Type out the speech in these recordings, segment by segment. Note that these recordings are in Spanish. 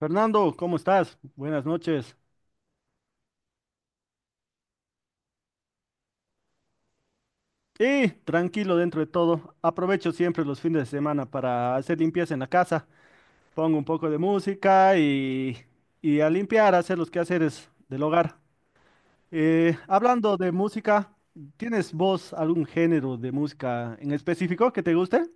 Fernando, ¿cómo estás? Buenas noches. Y tranquilo dentro de todo. Aprovecho siempre los fines de semana para hacer limpieza en la casa. Pongo un poco de música y a limpiar, a hacer los quehaceres del hogar. Hablando de música, ¿tienes vos algún género de música en específico que te guste?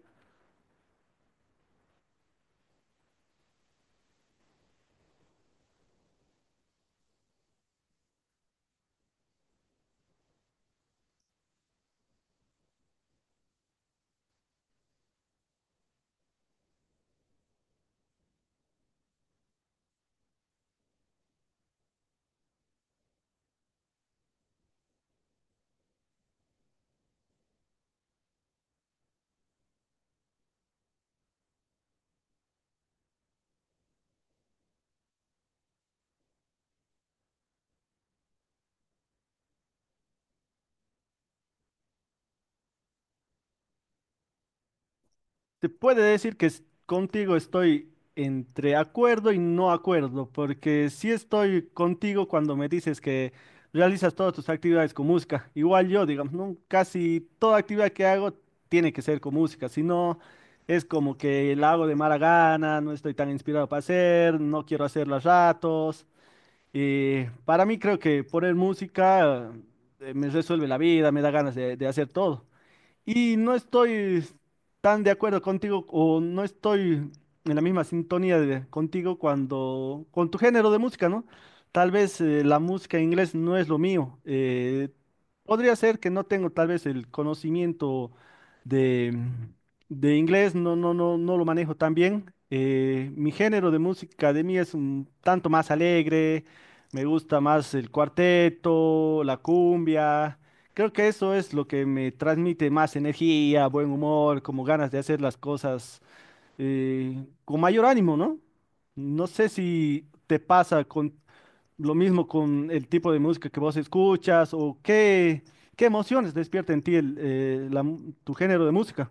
Te puede decir que contigo estoy entre acuerdo y no acuerdo, porque sí estoy contigo cuando me dices que realizas todas tus actividades con música. Igual yo, digamos, ¿no? Casi toda actividad que hago tiene que ser con música, si no es como que la hago de mala gana, no estoy tan inspirado para hacer, no quiero hacerla a ratos. Y para mí creo que poner música me resuelve la vida, me da ganas de hacer todo. Y no estoy tan de acuerdo contigo o no estoy en la misma sintonía contigo cuando con tu género de música, ¿no? Tal vez la música en inglés no es lo mío. Podría ser que no tengo tal vez el conocimiento de, de inglés, no, no, no, no lo manejo tan bien. Mi género de música de mí es un tanto más alegre, me gusta más el cuarteto, la cumbia. Creo que eso es lo que me transmite más energía, buen humor, como ganas de hacer las cosas con mayor ánimo, ¿no? No sé si te pasa con lo mismo con el tipo de música que vos escuchas o qué, qué emociones despierta en ti el, la tu género de música.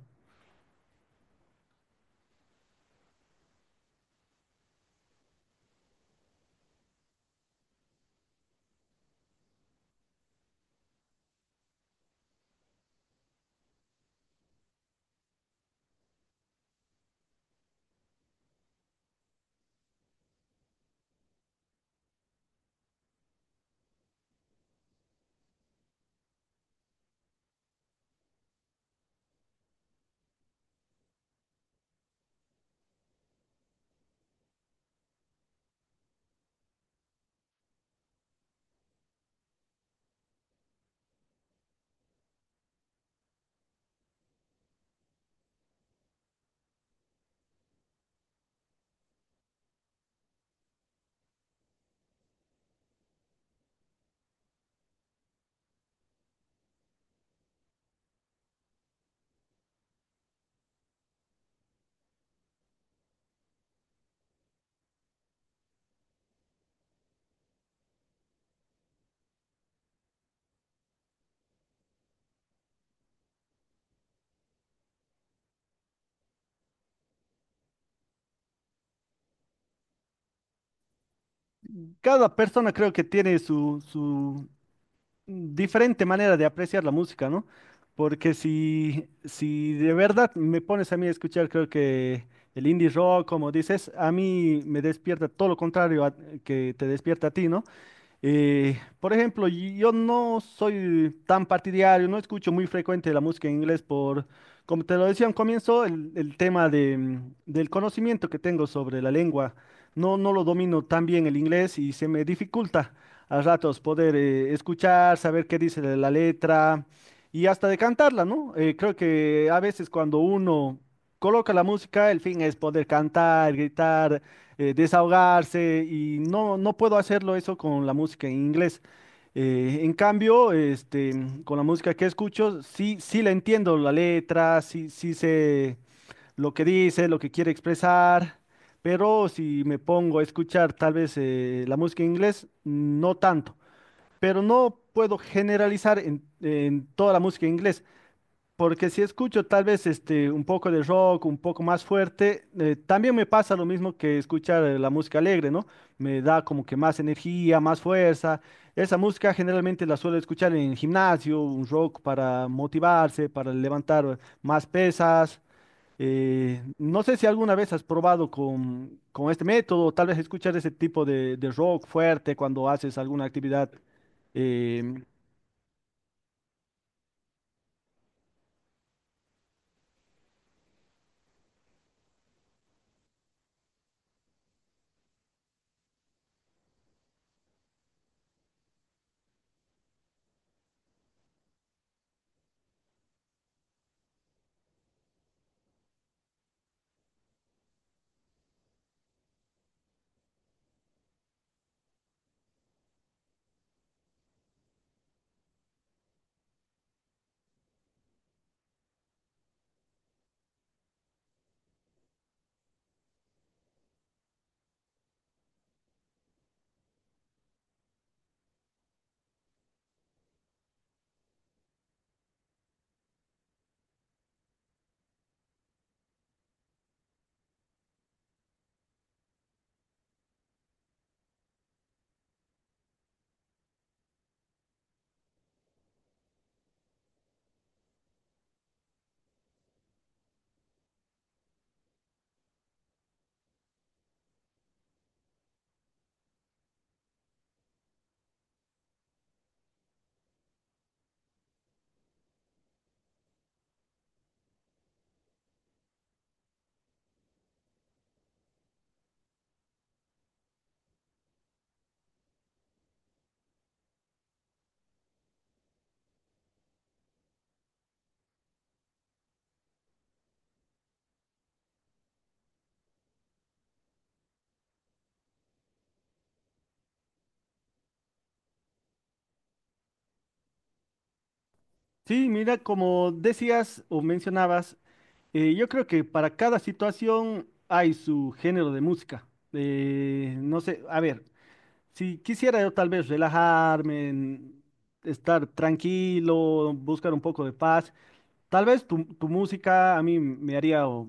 Cada persona creo que tiene su diferente manera de apreciar la música, ¿no? Porque si de verdad me pones a mí a escuchar, creo que el indie rock, como dices, a mí me despierta todo lo contrario que te despierta a ti, ¿no? Por ejemplo, yo no soy tan partidario, no escucho muy frecuente la música en inglés por, como te lo decía al comienzo, el tema del conocimiento que tengo sobre la lengua. No, no lo domino tan bien el inglés y se me dificulta a ratos poder escuchar, saber qué dice la letra y hasta de cantarla, ¿no? Creo que a veces cuando uno coloca la música, el fin es poder cantar, gritar, desahogarse y no, no puedo hacerlo eso con la música en inglés. Eh, en cambio, este, con la música que escucho, sí, sí la entiendo la letra, sí, sí sé lo que dice, lo que quiere expresar, pero si me pongo a escuchar tal vez la música en inglés, no tanto. Pero no puedo generalizar en toda la música en inglés. Porque si escucho tal vez este un poco de rock, un poco más fuerte, también me pasa lo mismo que escuchar la música alegre, ¿no? Me da como que más energía, más fuerza. Esa música generalmente la suelo escuchar en el gimnasio, un rock para motivarse, para levantar más pesas. No sé si alguna vez has probado con este método, tal vez escuchar ese tipo de rock fuerte cuando haces alguna actividad. Em, sí, mira, como decías o mencionabas. Yo creo que para cada situación hay su género de música. No sé, a ver, si quisiera yo tal vez relajarme, estar tranquilo, buscar un poco de paz, tal vez tu música a mí me haría o,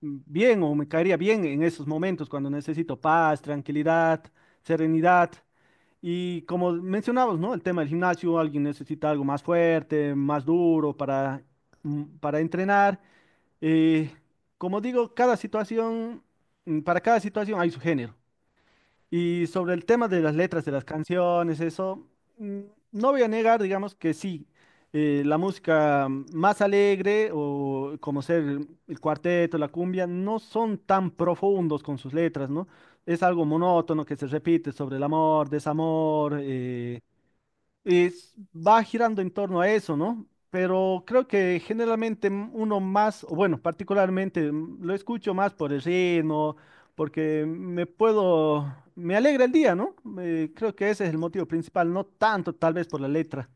mm, bien o me caería bien en esos momentos cuando necesito paz, tranquilidad, serenidad. Y como mencionabas, ¿no? El tema del gimnasio, alguien necesita algo más fuerte, más duro para, para entrenar. Eh, Como digo, cada situación, para cada situación hay su género. Y sobre el tema de las letras de las canciones, eso, mm, no voy a negar, digamos que sí, la música más alegre o como ser el cuarteto, la cumbia, no son tan profundos con sus letras, ¿no? Es algo monótono que se repite sobre el amor, desamor, va girando en torno a eso, ¿no? Pero creo que generalmente uno más, o bueno, particularmente lo escucho más por el ritmo, porque me puedo, me alegra el día, ¿no? Creo que ese es el motivo principal, no tanto tal vez por la letra.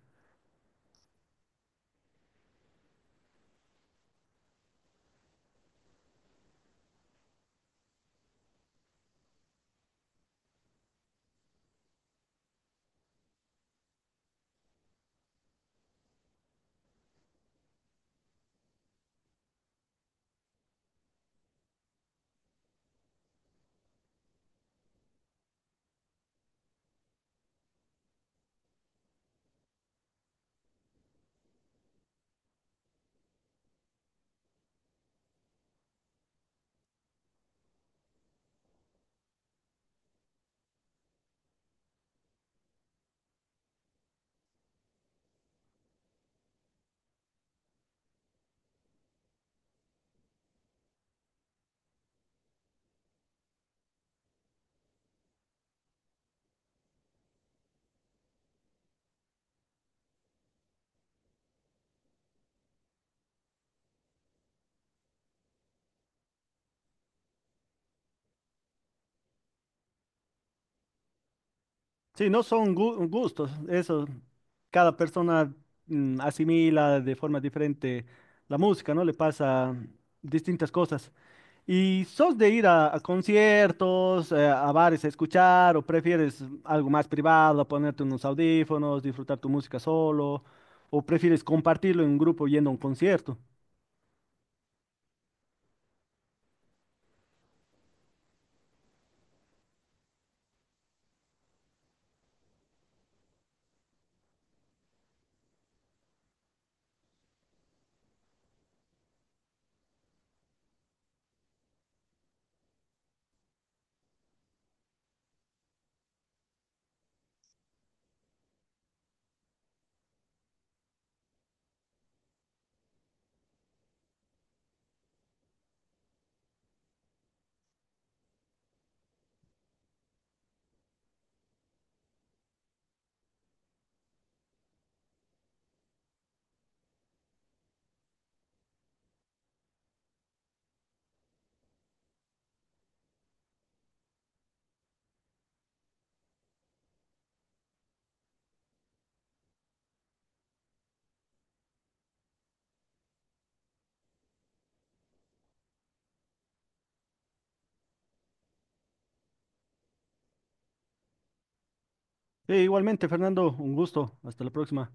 Sí, no son gustos, eso cada persona asimila de forma diferente la música, ¿no? Le pasa distintas cosas. ¿Y sos de ir a conciertos, a bares a escuchar o prefieres algo más privado, ponerte unos audífonos, disfrutar tu música solo o prefieres compartirlo en un grupo yendo a un concierto? Sí, igualmente, Fernando, un gusto. Hasta la próxima.